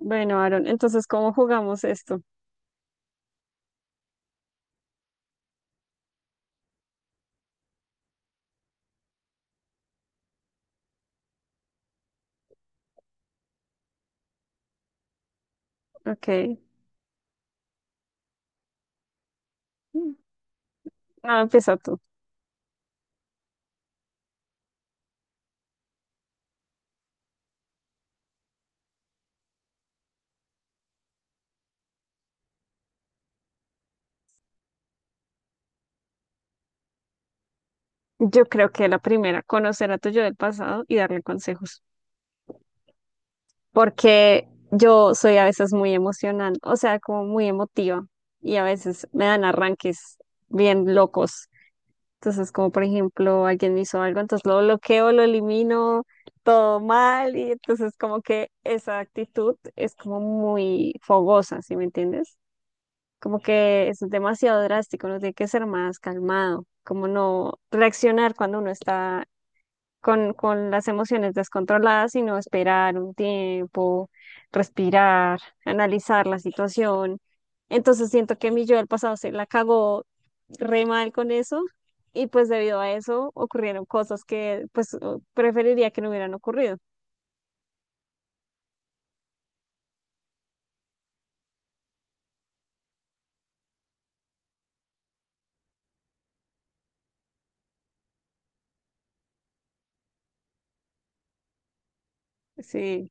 Bueno, Aaron, entonces, ¿cómo jugamos esto? Ok. Ah, empieza tú. Yo creo que la primera, conocer a tu yo del pasado y darle consejos. Porque yo soy a veces muy emocional, o sea, como muy emotiva. Y a veces me dan arranques bien locos. Entonces, como por ejemplo, alguien me hizo algo, entonces lo bloqueo, lo elimino, todo mal. Y entonces, como que esa actitud es como muy fogosa, ¿sí me entiendes? Como que es demasiado drástico, uno tiene que ser más calmado, como no reaccionar cuando uno está con las emociones descontroladas, sino esperar un tiempo, respirar, analizar la situación. Entonces siento que mi yo del pasado se la cagó re mal con eso y pues debido a eso ocurrieron cosas que pues preferiría que no hubieran ocurrido. Sí,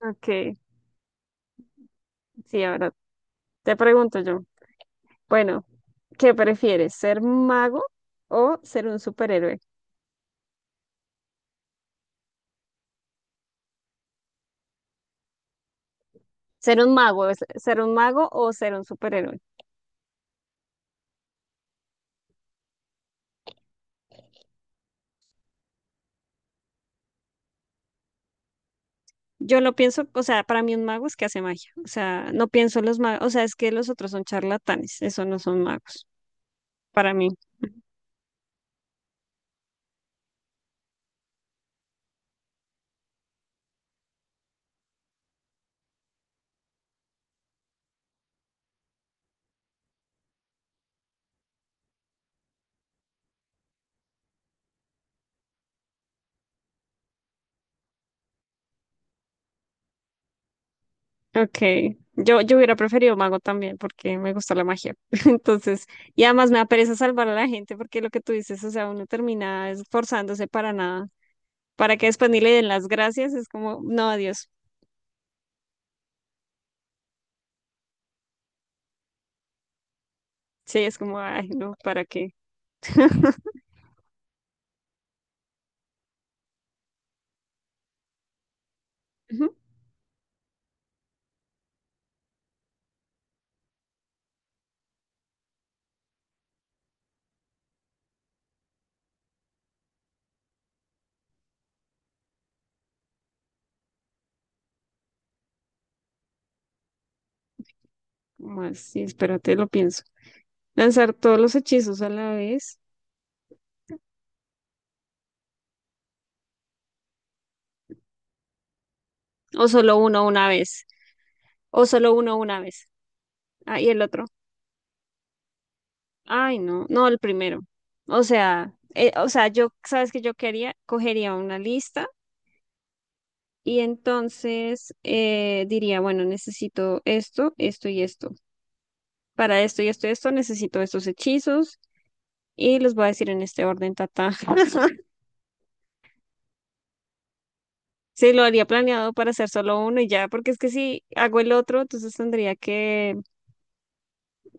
ok, sí, ahora te pregunto yo. Bueno, ¿qué prefieres? ¿Ser mago o ser un superhéroe? Ser un mago, ser un mago o ser un superhéroe. Yo lo pienso, o sea, para mí un mago es que hace magia. O sea, no pienso en los magos, o sea, es que los otros son charlatanes, eso no son magos, para mí. Ok, yo hubiera preferido mago también porque me gusta la magia. Entonces, y además me da pereza salvar a la gente porque lo que tú dices, o sea, uno termina esforzándose para nada, para que después ni le den las gracias, es como, no, adiós. Sí, es como, ay, no, ¿para qué? Ujú. Más, sí, espérate, lo pienso. Lanzar todos los hechizos a la vez. O solo uno una vez. O solo uno una vez. Ah, y el otro. Ay, no. No, el primero. O sea, yo, ¿sabes qué yo quería? Cogería una lista y entonces diría, bueno, necesito esto, esto y esto. Para esto y esto y esto necesito estos hechizos y los voy a decir en este orden, tata. Sí, lo haría planeado para hacer solo uno y ya, porque es que si hago el otro, entonces tendría que.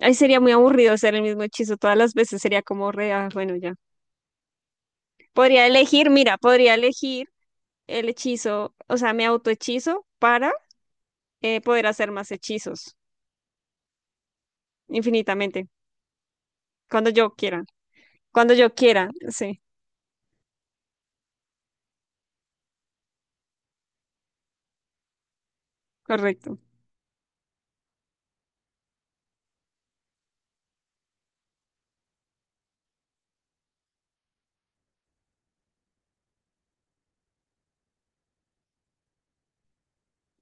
Ay, sería muy aburrido hacer el mismo hechizo todas las veces, sería como re, ah, bueno, ya. Podría elegir, mira, podría elegir el hechizo, o sea, me autohechizo para poder hacer más hechizos infinitamente, cuando yo quiera, cuando yo quiera, sí, correcto,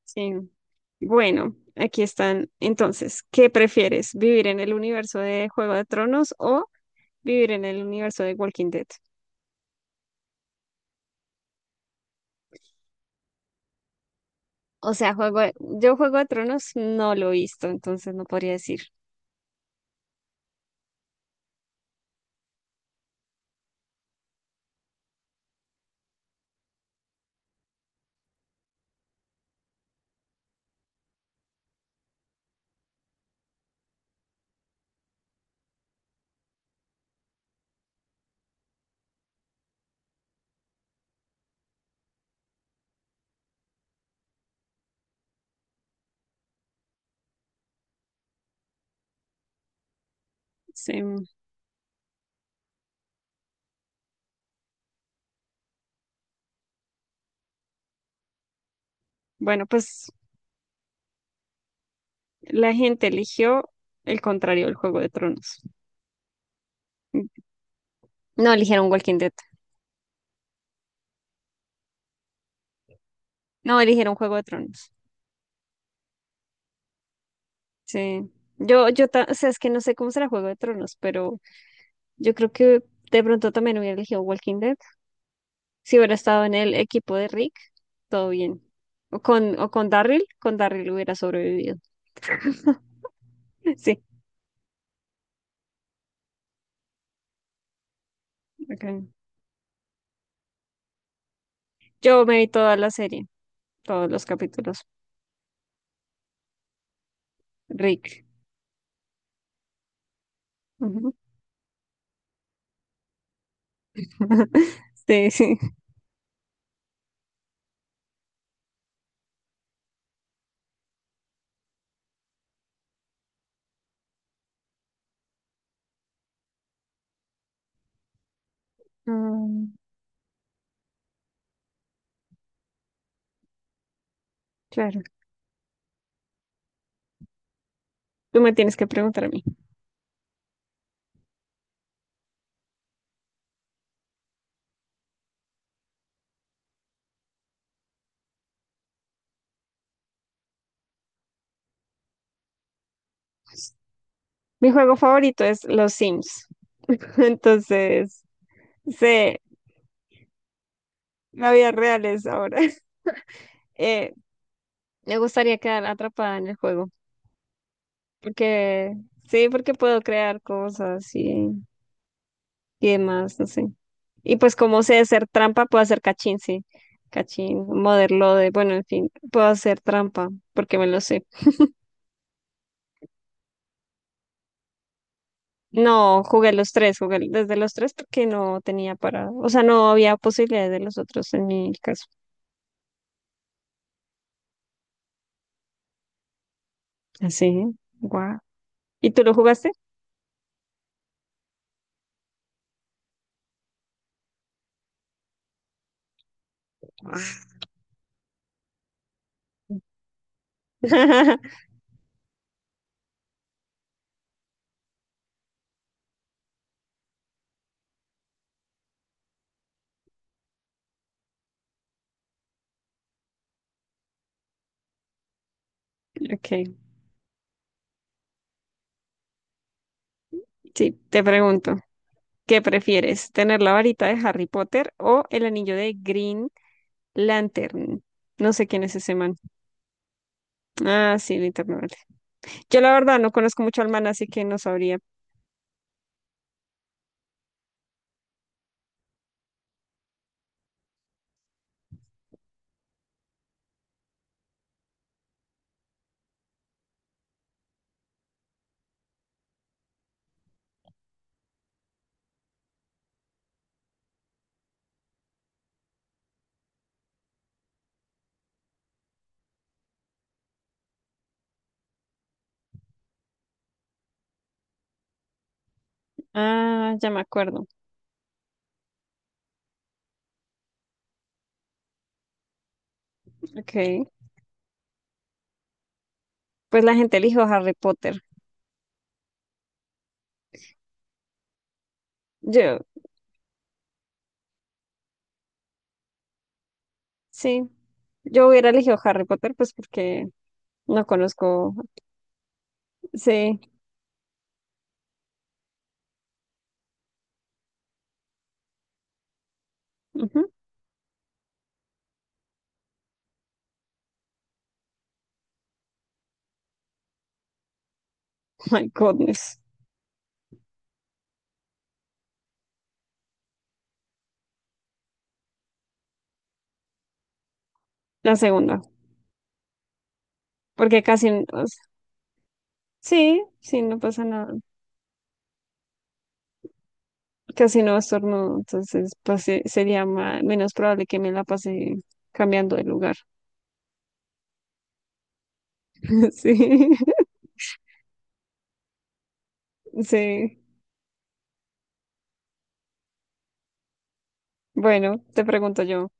sí. Bueno, aquí están. Entonces, ¿qué prefieres? ¿Vivir en el universo de Juego de Tronos o vivir en el universo de Walking Dead? O sea, yo Juego de Tronos no lo he visto, entonces no podría decir. Sí. Bueno, pues la gente eligió el contrario del Juego de Tronos. No eligieron Walking Dead. No eligieron Juego de Tronos. Sí. Yo, o sea, es que no sé cómo será Juego de Tronos, pero yo creo que de pronto también hubiera elegido Walking Dead. Si hubiera estado en el equipo de Rick, todo bien. O con Daryl, con Daryl hubiera sobrevivido. Sí. Ok. Yo me vi toda la serie, todos los capítulos. Rick. Ujú. Sí, sí. Mm, claro. Tú me tienes que preguntar a mí. Mi juego favorito es Los Sims. Entonces, sé, la vida real es ahora. Eh, me gustaría quedar atrapada en el juego. Porque, sí, porque puedo crear cosas y demás, no sé. Y pues como sé hacer trampa, puedo hacer cachín, sí. Cachín, modelo de, bueno, en fin, puedo hacer trampa porque me lo sé. No, jugué los tres, jugué desde los tres porque no tenía para, o sea, no había posibilidades de los otros en mi caso. Sí, guau. ¿Y tú lo jugaste? Ok, sí, te pregunto, ¿qué prefieres? ¿Tener la varita de Harry Potter o el anillo de Green Lantern? No sé quién es ese man. Ah, sí, Linterna Verde. Yo la verdad no conozco mucho al man, así que no sabría. Ah, ya me acuerdo. Ok, pues la gente eligió Harry Potter. Yo, sí, yo hubiera elegido Harry Potter, pues porque no conozco. Sí, ujú. My goodness. La segunda. Porque casi, o sea, sí, sí, no pasa nada. Casi no estornudo, entonces pues, sería menos probable que me la pase cambiando de lugar. Sí, sí. Bueno, te pregunto yo,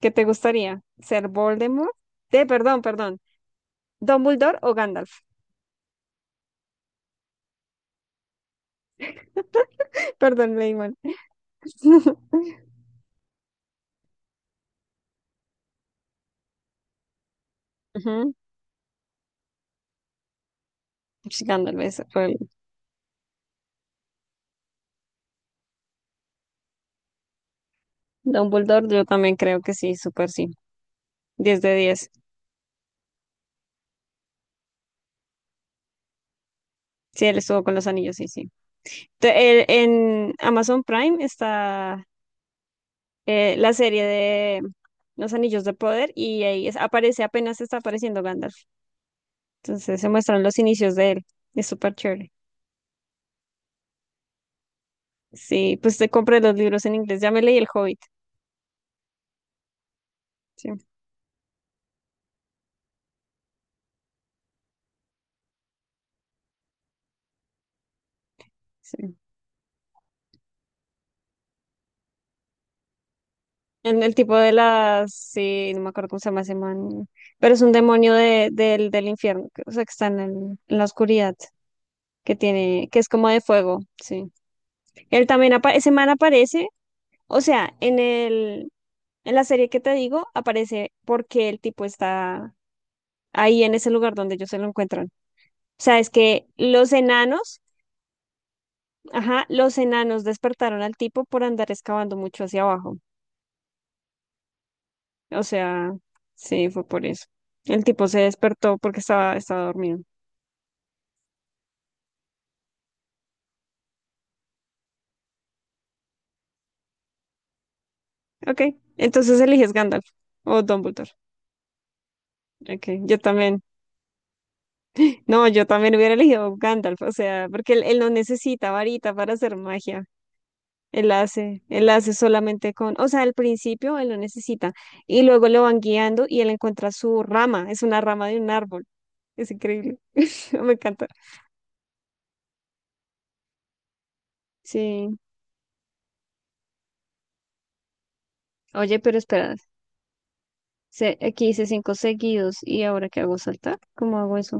¿qué te gustaría? ¿Ser Voldemort? Perdón, perdón. ¿Dumbledore o Gandalf? Perdón, leí mal. Ujú, sí, Gandalf Dumbledore, yo también creo que sí, súper sí. 10 de 10. Sí, él estuvo con los anillos, sí, sí. En Amazon Prime está la serie de Los Anillos de Poder y ahí aparece, apenas está apareciendo Gandalf. Entonces se muestran los inicios de él. Es súper chévere. Sí, pues te compré los libros en inglés. Ya me leí El Hobbit. Sí, sí. En el tipo de las, sí, no me acuerdo cómo se llama ese man, pero es un demonio del infierno, o sea, que está en la oscuridad, que tiene, que es como de fuego, sí. Él también, ese man aparece, o sea, en la serie que te digo, aparece porque el tipo está ahí en ese lugar donde ellos se lo encuentran. O sea, es que los enanos, ajá, los enanos despertaron al tipo por andar excavando mucho hacia abajo. O sea, sí, fue por eso. El tipo se despertó porque estaba dormido. Ok, entonces eliges Gandalf o Dumbledore. Ok, yo también. No, yo también hubiera elegido Gandalf, o sea, porque él no necesita varita para hacer magia. Él hace solamente con, o sea, al principio él lo necesita y luego lo van guiando y él encuentra su rama, es una rama de un árbol. Es increíble. Me encanta. Sí. Oye, pero espera, aquí hice cinco seguidos y ahora qué hago saltar. ¿Cómo hago eso?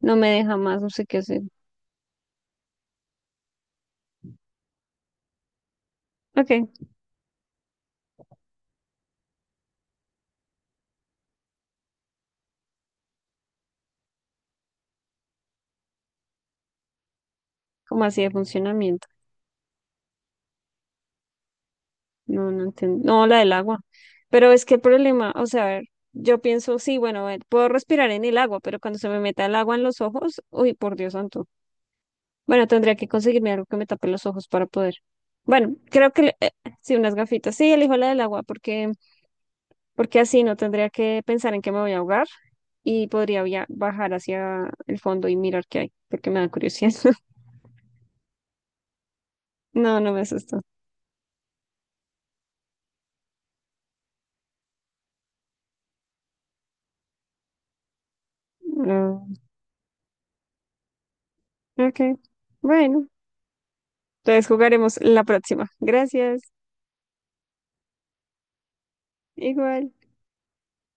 No me deja más, no sé qué hacer. Ok, ¿cómo así de funcionamiento? No, no entiendo. No, la del agua. Pero es que el problema, o sea, a ver, yo pienso, sí, bueno, a ver, puedo respirar en el agua, pero cuando se me meta el agua en los ojos, uy, por Dios santo. Bueno, tendría que conseguirme algo que me tape los ojos para poder. Bueno, creo que sí, unas gafitas. Sí, elijo la del agua porque, porque así no tendría que pensar en que me voy a ahogar y podría bajar hacia el fondo y mirar qué hay, porque me da curiosidad. No, no me asustó. No. Ok. Bueno, entonces jugaremos la próxima. Gracias. Igual.